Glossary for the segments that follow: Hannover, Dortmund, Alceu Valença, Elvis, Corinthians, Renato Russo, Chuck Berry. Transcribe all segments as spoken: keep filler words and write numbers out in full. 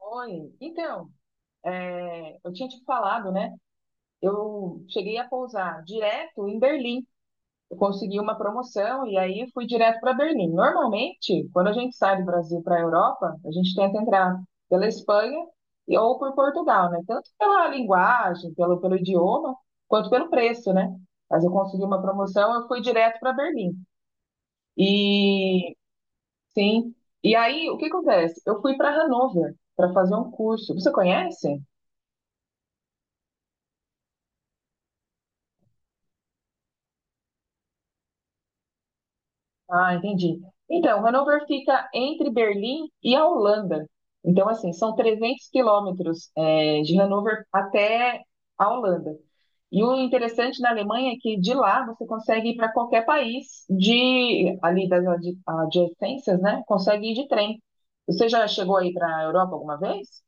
Oi, então, é, eu tinha te falado, né? Eu cheguei a pousar direto em Berlim. Eu consegui uma promoção e aí fui direto para Berlim. Normalmente, quando a gente sai do Brasil para a Europa, a gente tenta entrar pela Espanha e- ou por Portugal, né? Tanto pela linguagem, pelo, pelo idioma, quanto pelo preço, né? Mas eu consegui uma promoção, eu fui direto para Berlim. E sim, e aí o que acontece? Eu fui para Hannover para fazer um curso. Você conhece? Ah, entendi. Então, Hannover fica entre Berlim e a Holanda. Então, assim, são trezentos quilômetros, eh, de Hannover até a Holanda. E o interessante na Alemanha é que de lá você consegue ir para qualquer país de ali das adi- adjacências, né? Consegue ir de trem. Você já chegou aí para a Europa alguma vez?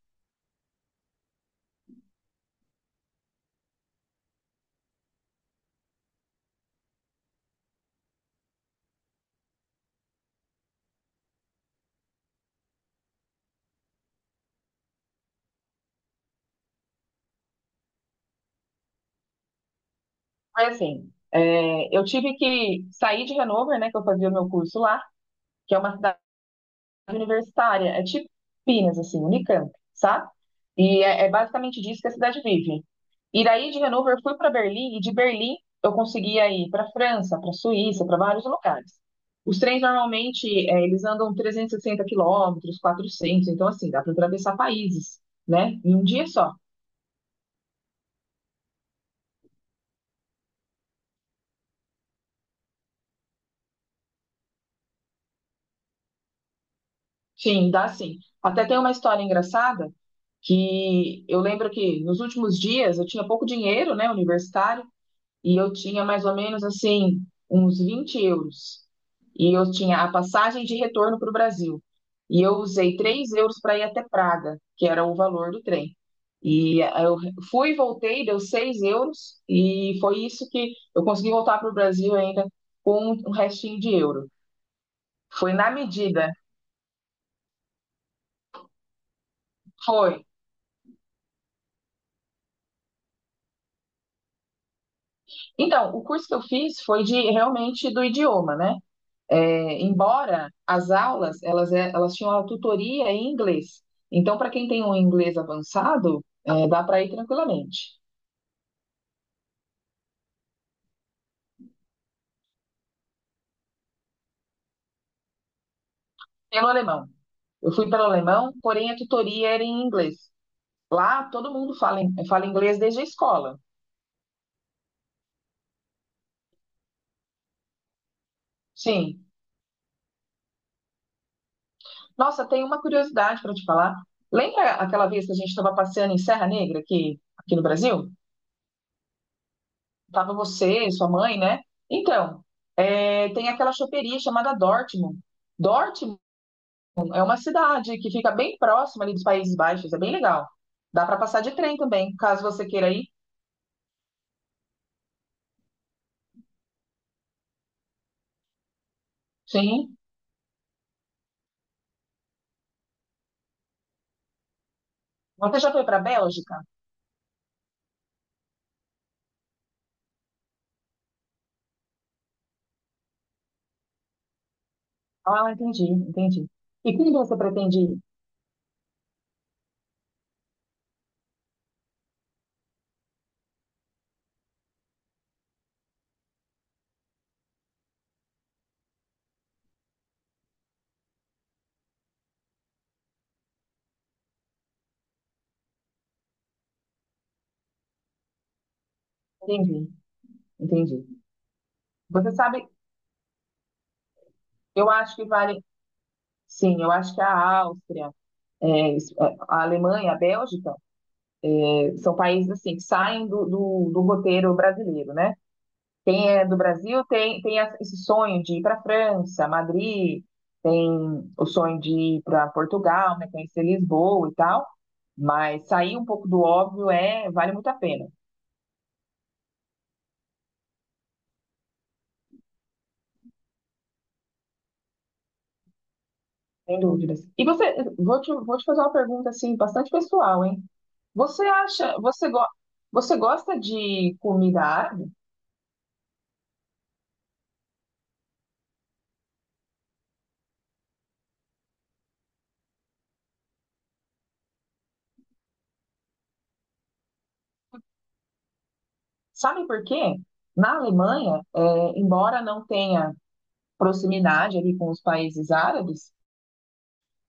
Foi assim, eh, eu tive que sair de Hannover, né? Que eu fazia o meu curso lá, que é uma cidade universitária, é tipo Pinas, assim, Unicamp, sabe? E é, é basicamente disso que a cidade vive. E daí de Hannover eu fui para Berlim e de Berlim eu conseguia ir para França, para Suíça, para vários lugares. Os trens normalmente eh, eles andam trezentos e sessenta quilômetros, quatrocentos, então assim, dá para atravessar países, né? Em um dia só. Sim, dá sim. Até tem uma história engraçada que eu lembro que nos últimos dias eu tinha pouco dinheiro, né, universitário, e eu tinha mais ou menos assim uns vinte euros. E eu tinha a passagem de retorno para o Brasil. E eu usei três euros para ir até Praga, que era o valor do trem. E eu fui e voltei, deu seis euros, e foi isso que eu consegui voltar para o Brasil ainda com um restinho de euro. Foi na medida, foi. Então, o curso que eu fiz foi de realmente do idioma, né? É, embora as aulas elas, é- elas tinham a tutoria em inglês. Então, para quem tem um inglês avançado, é, dá para ir tranquilamente. Pelo alemão. Eu fui pelo alemão, porém a tutoria era em inglês. Lá todo mundo fala, in- fala inglês desde a escola. Sim. Nossa, tem uma curiosidade para te falar. Lembra aquela vez que a gente estava passeando em Serra Negra aqui, aqui no Brasil? Tava você, sua mãe, né? Então, é, tem aquela choperia chamada Dortmund. Dortmund é uma cidade que fica bem próxima ali dos Países Baixos, é bem legal. Dá para passar de trem também, caso você queira ir. Sim. Você já foi para a Bélgica? Ah, entendi, entendi. E quando você pretende ir? Entendi, entendi. Você sabe, eu acho que vale. Sim, eu acho que a Áustria, é isso, é, a Alemanha, a Bélgica, é, são países assim que saem do, do do roteiro brasileiro, né? Tem, é, do Brasil tem, tem a- esse sonho de ir para França, Madrid, tem o sonho de ir para Portugal, né, conhecer Lisboa e tal, mas sair um pouco do óbvio é, vale muito a pena, sem dúvidas. E você, vou te, vou te fazer uma pergunta assim, bastante pessoal, hein? Você acha, você, go, você gosta de comida árabe? Sabe por quê? Na Alemanha, é, embora não tenha proximidade ali com os países árabes,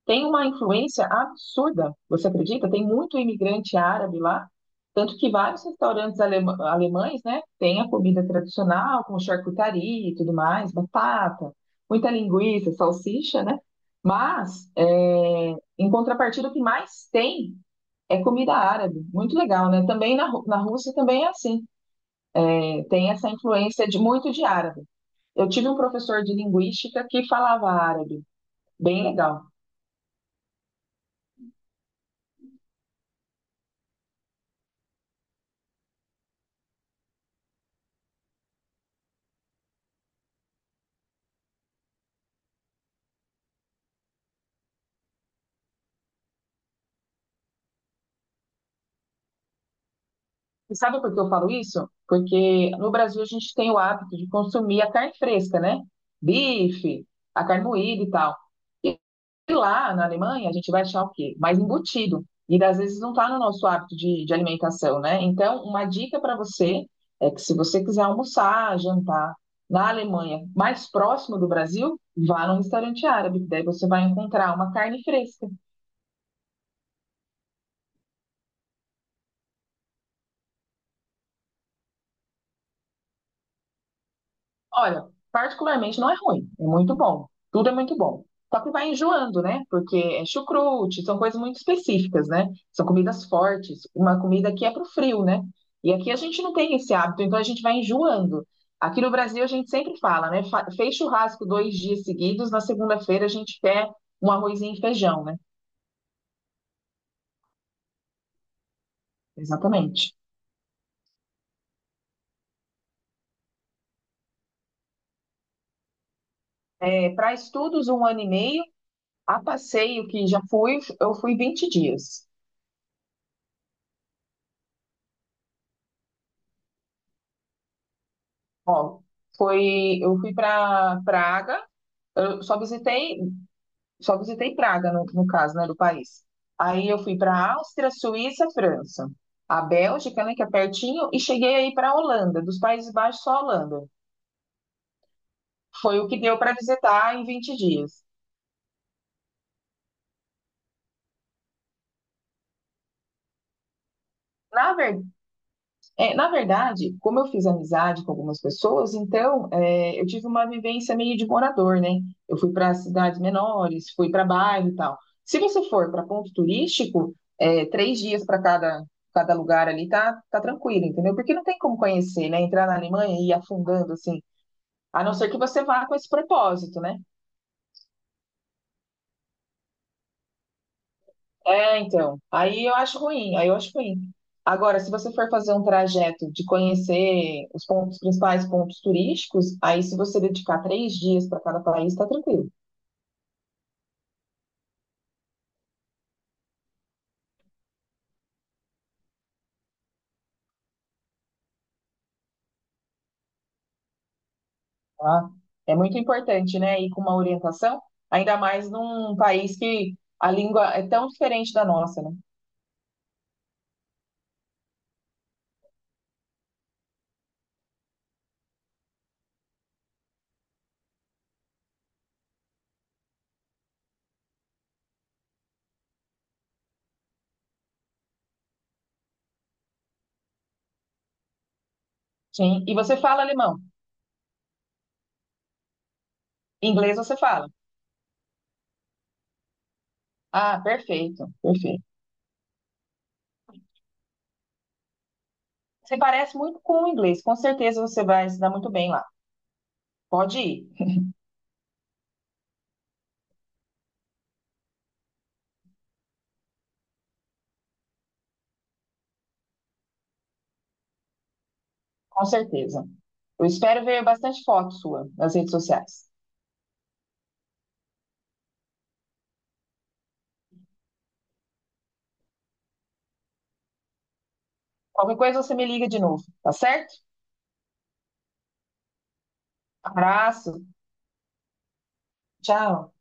tem uma influência absurda. Você acredita? Tem muito imigrante árabe lá, tanto que vários restaurantes alema- alemães, né, têm a comida tradicional, com charcutaria e tudo mais, batata, muita linguiça, salsicha, né? Mas, é, em contrapartida, o que mais tem é comida árabe. Muito legal, né? Também na, Ru- na Rússia também é assim. É, tem essa influência de muito de árabe. Eu tive um professor de linguística que falava árabe. Bem legal. E sabe por que eu falo isso? Porque no Brasil a gente tem o hábito de consumir a carne fresca, né? Bife, a carne moída e tal. E lá na Alemanha a gente vai achar o quê? Mais embutido. E às vezes não está no nosso hábito de, de alimentação, né? Então, uma dica para você é que se você quiser almoçar, jantar na Alemanha, mais próximo do Brasil, vá num restaurante árabe. Daí você vai encontrar uma carne fresca. Olha, particularmente não é ruim, é muito bom. Tudo é muito bom. Só que vai enjoando, né? Porque é chucrute, são coisas muito específicas, né? São comidas fortes, uma comida que é pro frio, né? E aqui a gente não tem esse hábito, então a gente vai enjoando. Aqui no Brasil a gente sempre fala, né? Fa- Fez churrasco dois dias seguidos, na segunda-feira a gente quer um arrozinho e feijão, né? Exatamente. É, para estudos, um ano e meio. A passeio que já fui, eu fui vinte dias. Ó, foi, eu fui para Praga, eu só visitei, só visitei Praga no, no caso, né, do país. Aí eu fui para Áustria, Suíça, França, a Bélgica, né, que é pertinho, e cheguei aí para a Holanda, dos Países Baixos só a Holanda. Foi o que deu para visitar em vinte dias. Na É, na verdade, como eu fiz amizade com algumas pessoas, então é, eu tive uma vivência meio de morador, né? Eu fui para cidades menores, fui para bairro e tal. Se você for para ponto turístico, é, três dias para cada, cada lugar ali tá, tá tranquilo, entendeu? Porque não tem como conhecer, né? Entrar na Alemanha e ir afundando assim, a não ser que você vá com esse propósito, né? É, então. Aí eu acho ruim, aí eu acho ruim. Agora, se você for fazer um trajeto de conhecer os pontos, principais pontos turísticos, aí se você dedicar três dias para cada país, tá tranquilo, tá? É muito importante, né? Ir com uma orientação, ainda mais num país que a língua é tão diferente da nossa, né? Sim. E você fala alemão, inglês você fala. Ah, perfeito, perfeito. Você parece muito com o inglês, com certeza você vai se dar muito bem lá. Pode ir. Com certeza. Eu espero ver bastante foto sua nas redes sociais. Qualquer coisa você me liga de novo, tá certo? Abraço. Tchau.